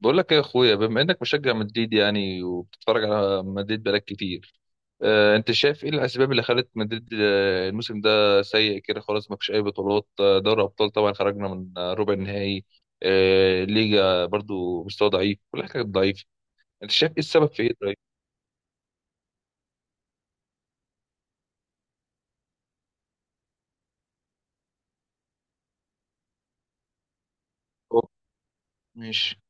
بقول لك ايه يا اخويا، بما انك مشجع مدريد يعني وبتتفرج على مدريد بقالك كتير. انت شايف ايه الاسباب اللي خلت مدريد، الموسم ده سيء كده، خلاص ما فيش اي بطولات. دوري ابطال طبعا خرجنا من ربع النهائي. ليجا برضو مستوى ضعيف، كل حاجه كانت ضعيفه. انت شايف ايه السبب في ايه طيب؟ هو- ماشي.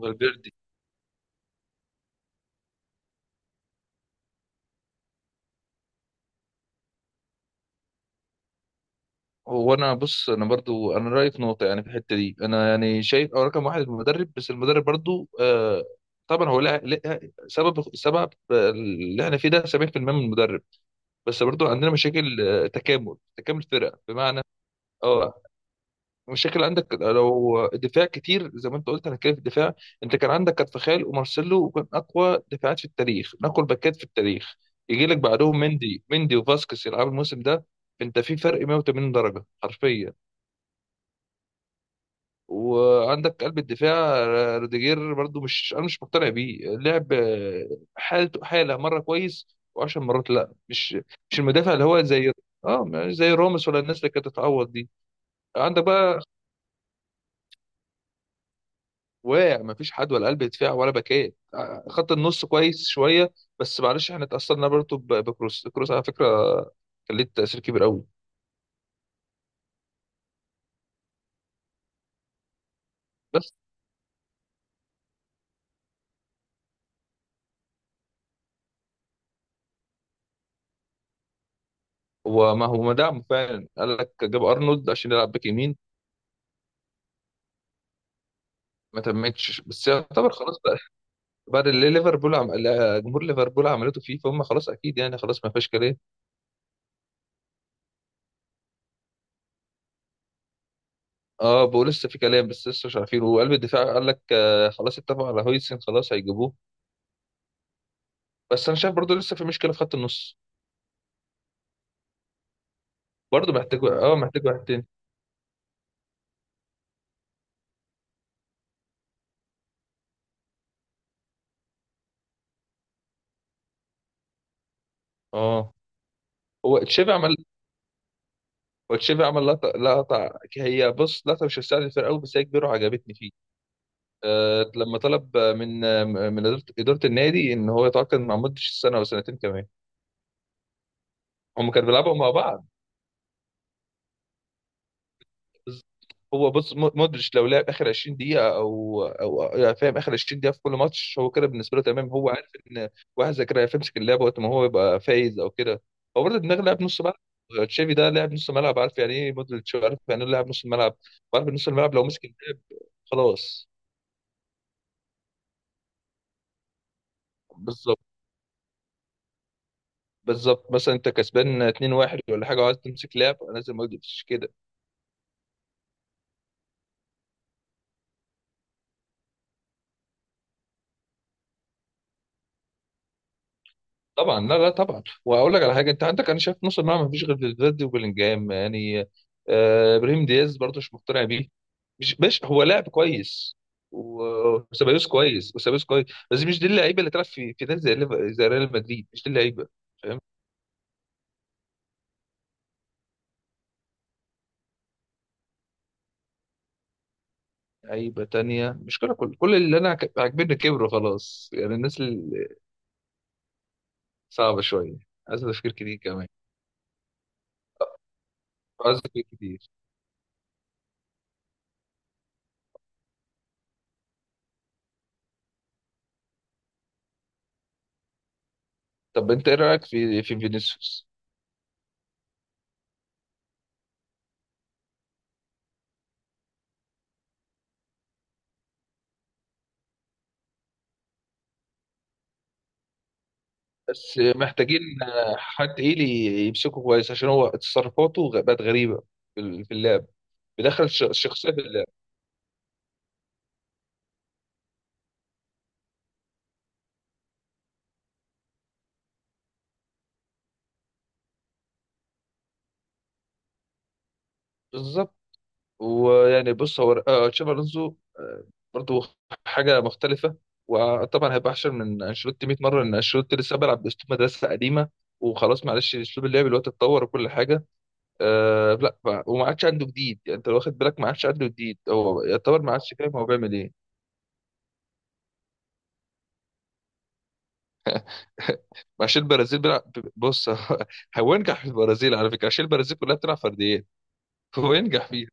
فالفيردي. هو انا بص، انا برضو رايي في نقطه، يعني في الحته دي، انا يعني شايف او رقم واحد المدرب، بس المدرب برضو طبعا. هو سبب اللي احنا فيه ده 70% من المدرب. بس برضو عندنا مشاكل، تكامل فرقه بمعنى. اه، مشاكل عندك لو دفاع كتير زي ما انت قلت، انا كده في الدفاع. انت كان عندك كارفخال ومارسيلو، وكان اقوى دفاعات في التاريخ، من اقوى الباكات في التاريخ. يجي لك بعدهم مندي وفاسكس يلعبوا الموسم ده. انت في فرق 180 درجه حرفيا. وعندك قلب الدفاع روديجير، برضو مش مقتنع بيه، لعب حالته، مره كويس وعشر مرات لا. مش مش المدافع اللي هو زي، اه، مش زي راموس ولا الناس اللي كانت تتعوض دي. عندك بقى واقع، مفيش حد، ولا قلب دفاع ولا باكات. خط النص كويس شويه. بس معلش، احنا اتأثرنا برضو بكروس. على فكره كان ليه تأثير كبير قوي. بس هو ما دعمه فعلا، قال لك جاب ارنولد عشان يلعب باك يمين. ما تمتش بس يعتبر خلاص. بعد اللي ليفربول لا، جمهور ليفربول عملته فيه، فهم خلاص اكيد، يعني خلاص ما فيهاش كلام. اه، بقول لسه في كلام، بس لسه مش عارفين. وقلب الدفاع قال لك خلاص اتفقوا على هويسن، خلاص هيجيبوه. بس انا شايف برضو لسه في مشكله في خط النص. برضو محتاج، اه، محتاج واحد تاني. اه، هو تشافي عمل، لقطه. هي، بص، لقطه مش هتساعد الفرقه قوي بس هي كبيره وعجبتني فيه. آه، لما طلب من اداره إدارة النادي ان هو يتعاقد مع، مده السنه وسنتين كمان. هم كانوا بيلعبوا مع بعض. بز- هو بص، مودريتش لو لعب اخر 20 دقيقه، او فاهم، اخر 20 دقيقه في كل ماتش، هو كده بالنسبه له تمام. هو عارف ان واحد زي كده هيمسك اللعبه وقت ما هو يبقى فايز او كده. هو برضه دماغ لاعب نص ملعب. تشافي ده لاعب نص ملعب، عارف يعني ايه مودريتش، عارف يعني ايه لاعب نص الملعب. عارف إن نص الملعب لو مسك اللعب خلاص. بالظبط. مثلا انت كسبان 2-1 ولا حاجه وعايز تمسك لعب، نازل مودريتش كده. طبعا، لا، طبعا. واقول لك على حاجه، انت عندك، انا شايف نص الملعب مفيش غير فالفيردي وبيلينجهام يعني. آه، ابراهيم دياز برضه مش مقتنع بيه. مش مش هو لاعب كويس. وسيبايوس كويس، بس مش دي اللعيبه اللي تلعب في نادي زي، زي ريال مدريد، مش دي اللعيبه، فاهم. لعيبه تانية مش كده، كل اللي انا عاجبني كبروا خلاص. يعني الناس اللي، صعبه شويه، عايز تفكير كتير كمان، عايز تفكير كتير طب انت ايه رايك في فينيسيوس؟ بس محتاجين حد ايه اللي يمسكه كويس، عشان هو تصرفاته بقت غريبه في اللعب، بيدخل الشخصيه في اللعب. بالظبط. ويعني بص، هو تشابي الونزو برضو حاجه مختلفه. وطبعا هيبقى احسن من انشيلوتي 100 مره، لان انشيلوتي لسه بيلعب باسلوب مدرسه قديمه، وخلاص معلش اسلوب اللعب دلوقتي اتطور وكل حاجه. أه لا، وما عادش عنده جديد، يعني انت لو واخد بالك ما عادش عنده جديد، هو يعتبر ما عادش فاهم هو بيعمل ايه. عشان البرازيل بيلعب، بص، هو ينجح في البرازيل على فكره، عشان البرازيل كلها بتلعب فرديات. هو ينجح فيها.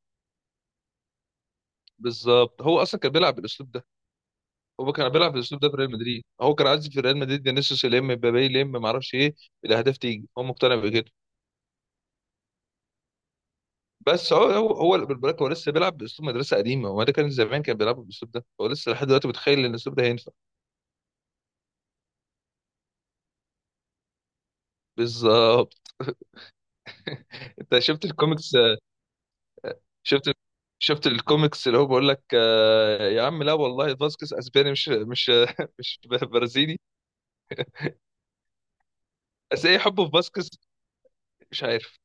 بالظبط، هو اصلا كان بيلعب بالاسلوب ده. هو كان بيلعب بالاسلوب ده في ريال مدريد، هو كان عايز في ريال مدريد فينيسيوس يلم، مبابي يلم، ما اعرفش ايه، الاهداف تيجي. هو مقتنع بكده. بس هو بالبركه، هو لسه بيلعب باسلوب مدرسه قديمه. هو ده كان زمان كان بيلعب بالاسلوب ده، هو لسه لحد دلوقتي متخيل ان الاسلوب ده هينفع. بالظبط. انت شفت الكوميكس؟ شفت شفت الكوميكس اللي هو بيقول لك، يا عم لا والله، فاسكس اسباني، مش مش برازيلي. بس ايه حبه في فاسكس؟ مش عارف.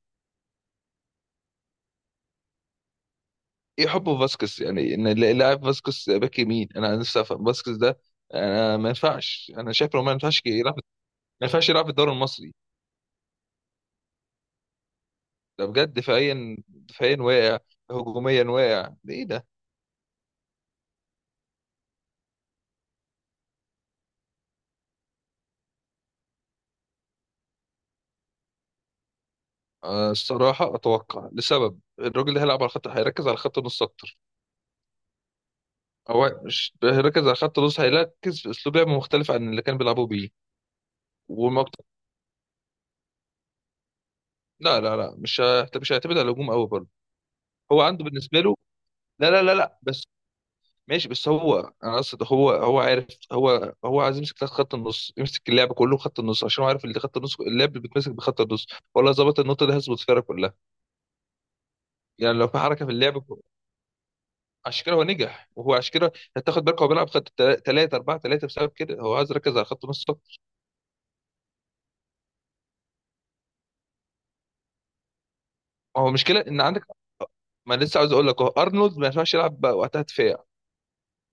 ايه حبه في فاسكس يعني، ان اللاعب فاسكس باك يمين، انا نفسي افهم فاسكس ده. انا ما ينفعش، انا شايف لو ما ينفعش يلعب. ما ينفعش يلعب في الدوري المصري. ده بجد دفاعيا واقع، هجوميا واقع، ده ايه ده. آه، الصراحه اتوقع، لسبب الراجل اللي هيلعب على الخط هيركز على خط نص اكتر. هو مش ركز على خط النص، هيركز في اسلوب لعب مختلف عن اللي كان بيلعبوه بيه. وما بت... لا لا لا، مش هيعتمد على الهجوم قوي برضه. هو عنده بالنسبه له، لا، بس ماشي، بس هو انا قصد، هو هو عارف. هو عايز يمسك خط النص، يمسك اللعب كله خط النص، عشان هو عارف اللي خط النص، اللعب بيتمسك بخط النص. ولا ظبط النقطه دي هيظبط الفرقه كلها. يعني لو في حركه في اللعب، عشان كده هو نجح، وهو عشان كده هتاخد بالك هو بيلعب خط 3 4 3، بسبب كده هو عايز يركز على خط النص. هو المشكله ان عندك، ما أنا لسه عاوز اقول لك، اهو ارنولد ما ينفعش يلعب بقى وقتها دفاع.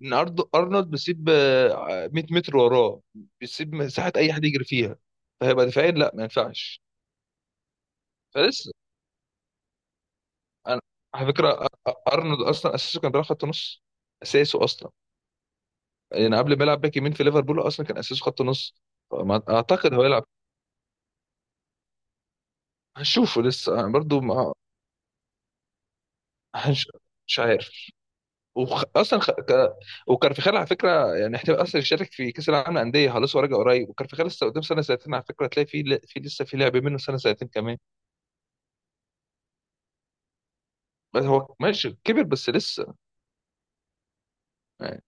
ان ارنولد بيسيب 100 متر وراه، بيسيب مساحه اي حد يجري فيها. فهيبقى دفاعيا لا، ما ينفعش. فلسه انا على فكره، ارنولد اصلا اساسه كان بيلعب خط نص. اساسه اصلا. يعني قبل ما يلعب باك يمين في ليفربول، اصلا كان اساسه خط نص. فما اعتقد هو يلعب. هنشوفه لسه، أنا برضو ما، هنش... مش عارف. وخ... اصلا خ... ك... وكارفخال على فكره يعني، احتمال اصلا يشارك في كاس العالم للانديه. خلاص هو راجع قريب، وكارفخال لسه قدام سنه سنتين على فكره، هتلاقي في لسه في لعب منه سنه سنتين كمان. بس هو ماشي كبر بس لسه، يعني،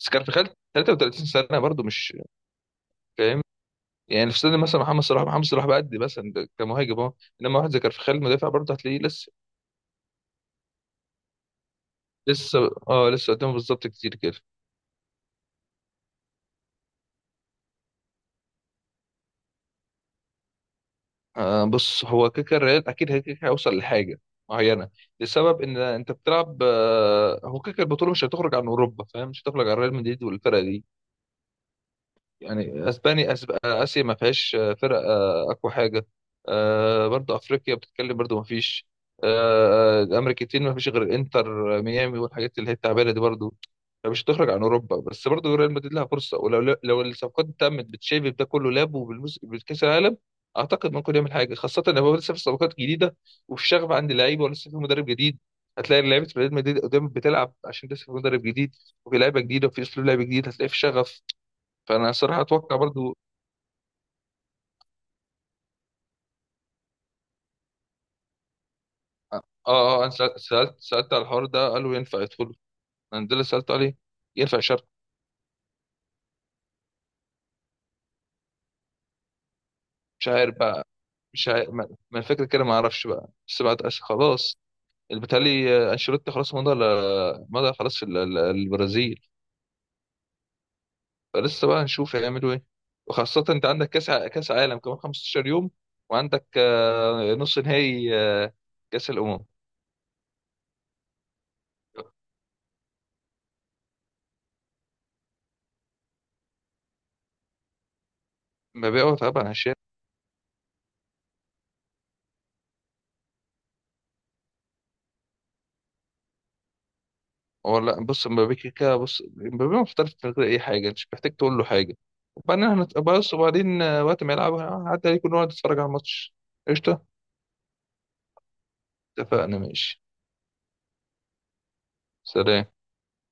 بس كارفخال 33 سنه برضه مش فاهم. يعني في سنه مثلا محمد صلاح، بقد مثلا ده كمهاجم اهو. انما واحد زي كارفخال مدافع برضه هتلاقيه لسه. لسه، اه، لسه قدامه بالظبط كتير كده. آه، بص، هو كيكا الريال اكيد هيوصل لحاجه معينه، لسبب ان انت بتلعب، هو كيكا البطوله مش هتخرج عن اوروبا، فاهم، مش هتخرج عن ريال مدريد والفرق دي. يعني اسباني، اسيا ما فيهاش فرق اقوى حاجه. برضو افريقيا بتتكلم برضو ما فيش. الامريكتين ما فيش غير الانتر ميامي، والحاجات اللي هي التعبانه دي برضو. يعني مش هتخرج عن اوروبا، بس برضو ريال مدريد لها فرصه. ولو الصفقات تمت بتشافي، بده كله لاب، بالكاس العالم، اعتقد ممكن يعمل حاجه، خاصه ان هو لسه في صفقات جديده، وفي شغف عند اللعيبه، ولسه في مدرب جديد. هتلاقي لعيبه ريال مدريد قدام بتلعب، عشان لسه في مدرب جديد، وفي لعيبه جديده، وفي اسلوب لعب جديد، هتلاقي في شغف. فانا صراحه اتوقع برضو. اه. اه. آه، انا سالت على الحوار ده، قالوا ينفع يدخلوا. انا ده اللي سالت عليه. ينفع شرط. مش عارف بقى. مش عارف، ما الفكره كده، ما اعرفش بقى. بس بعد خلاص، اللي بيتهيألي انشيلوتي خلاص مضى، مضى خلاص في البرازيل. فلسه بقى هنشوف هيعملوا ايه. وخاصه انت عندك كاس عالم كمان 15 يوم. وعندك نص نهائي كاس الامم. مبيعه طبعا. هو لا، بص، مبابي بص مبابي محترف، من غير اي حاجه انت مش محتاج تقول له حاجه. وبعدين احنا، بص، وبعدين وقت ما يلعب، عدى عليكم، نقعد نتفرج على الماتش. قشطه. اتفقنا، ماشي. سلام.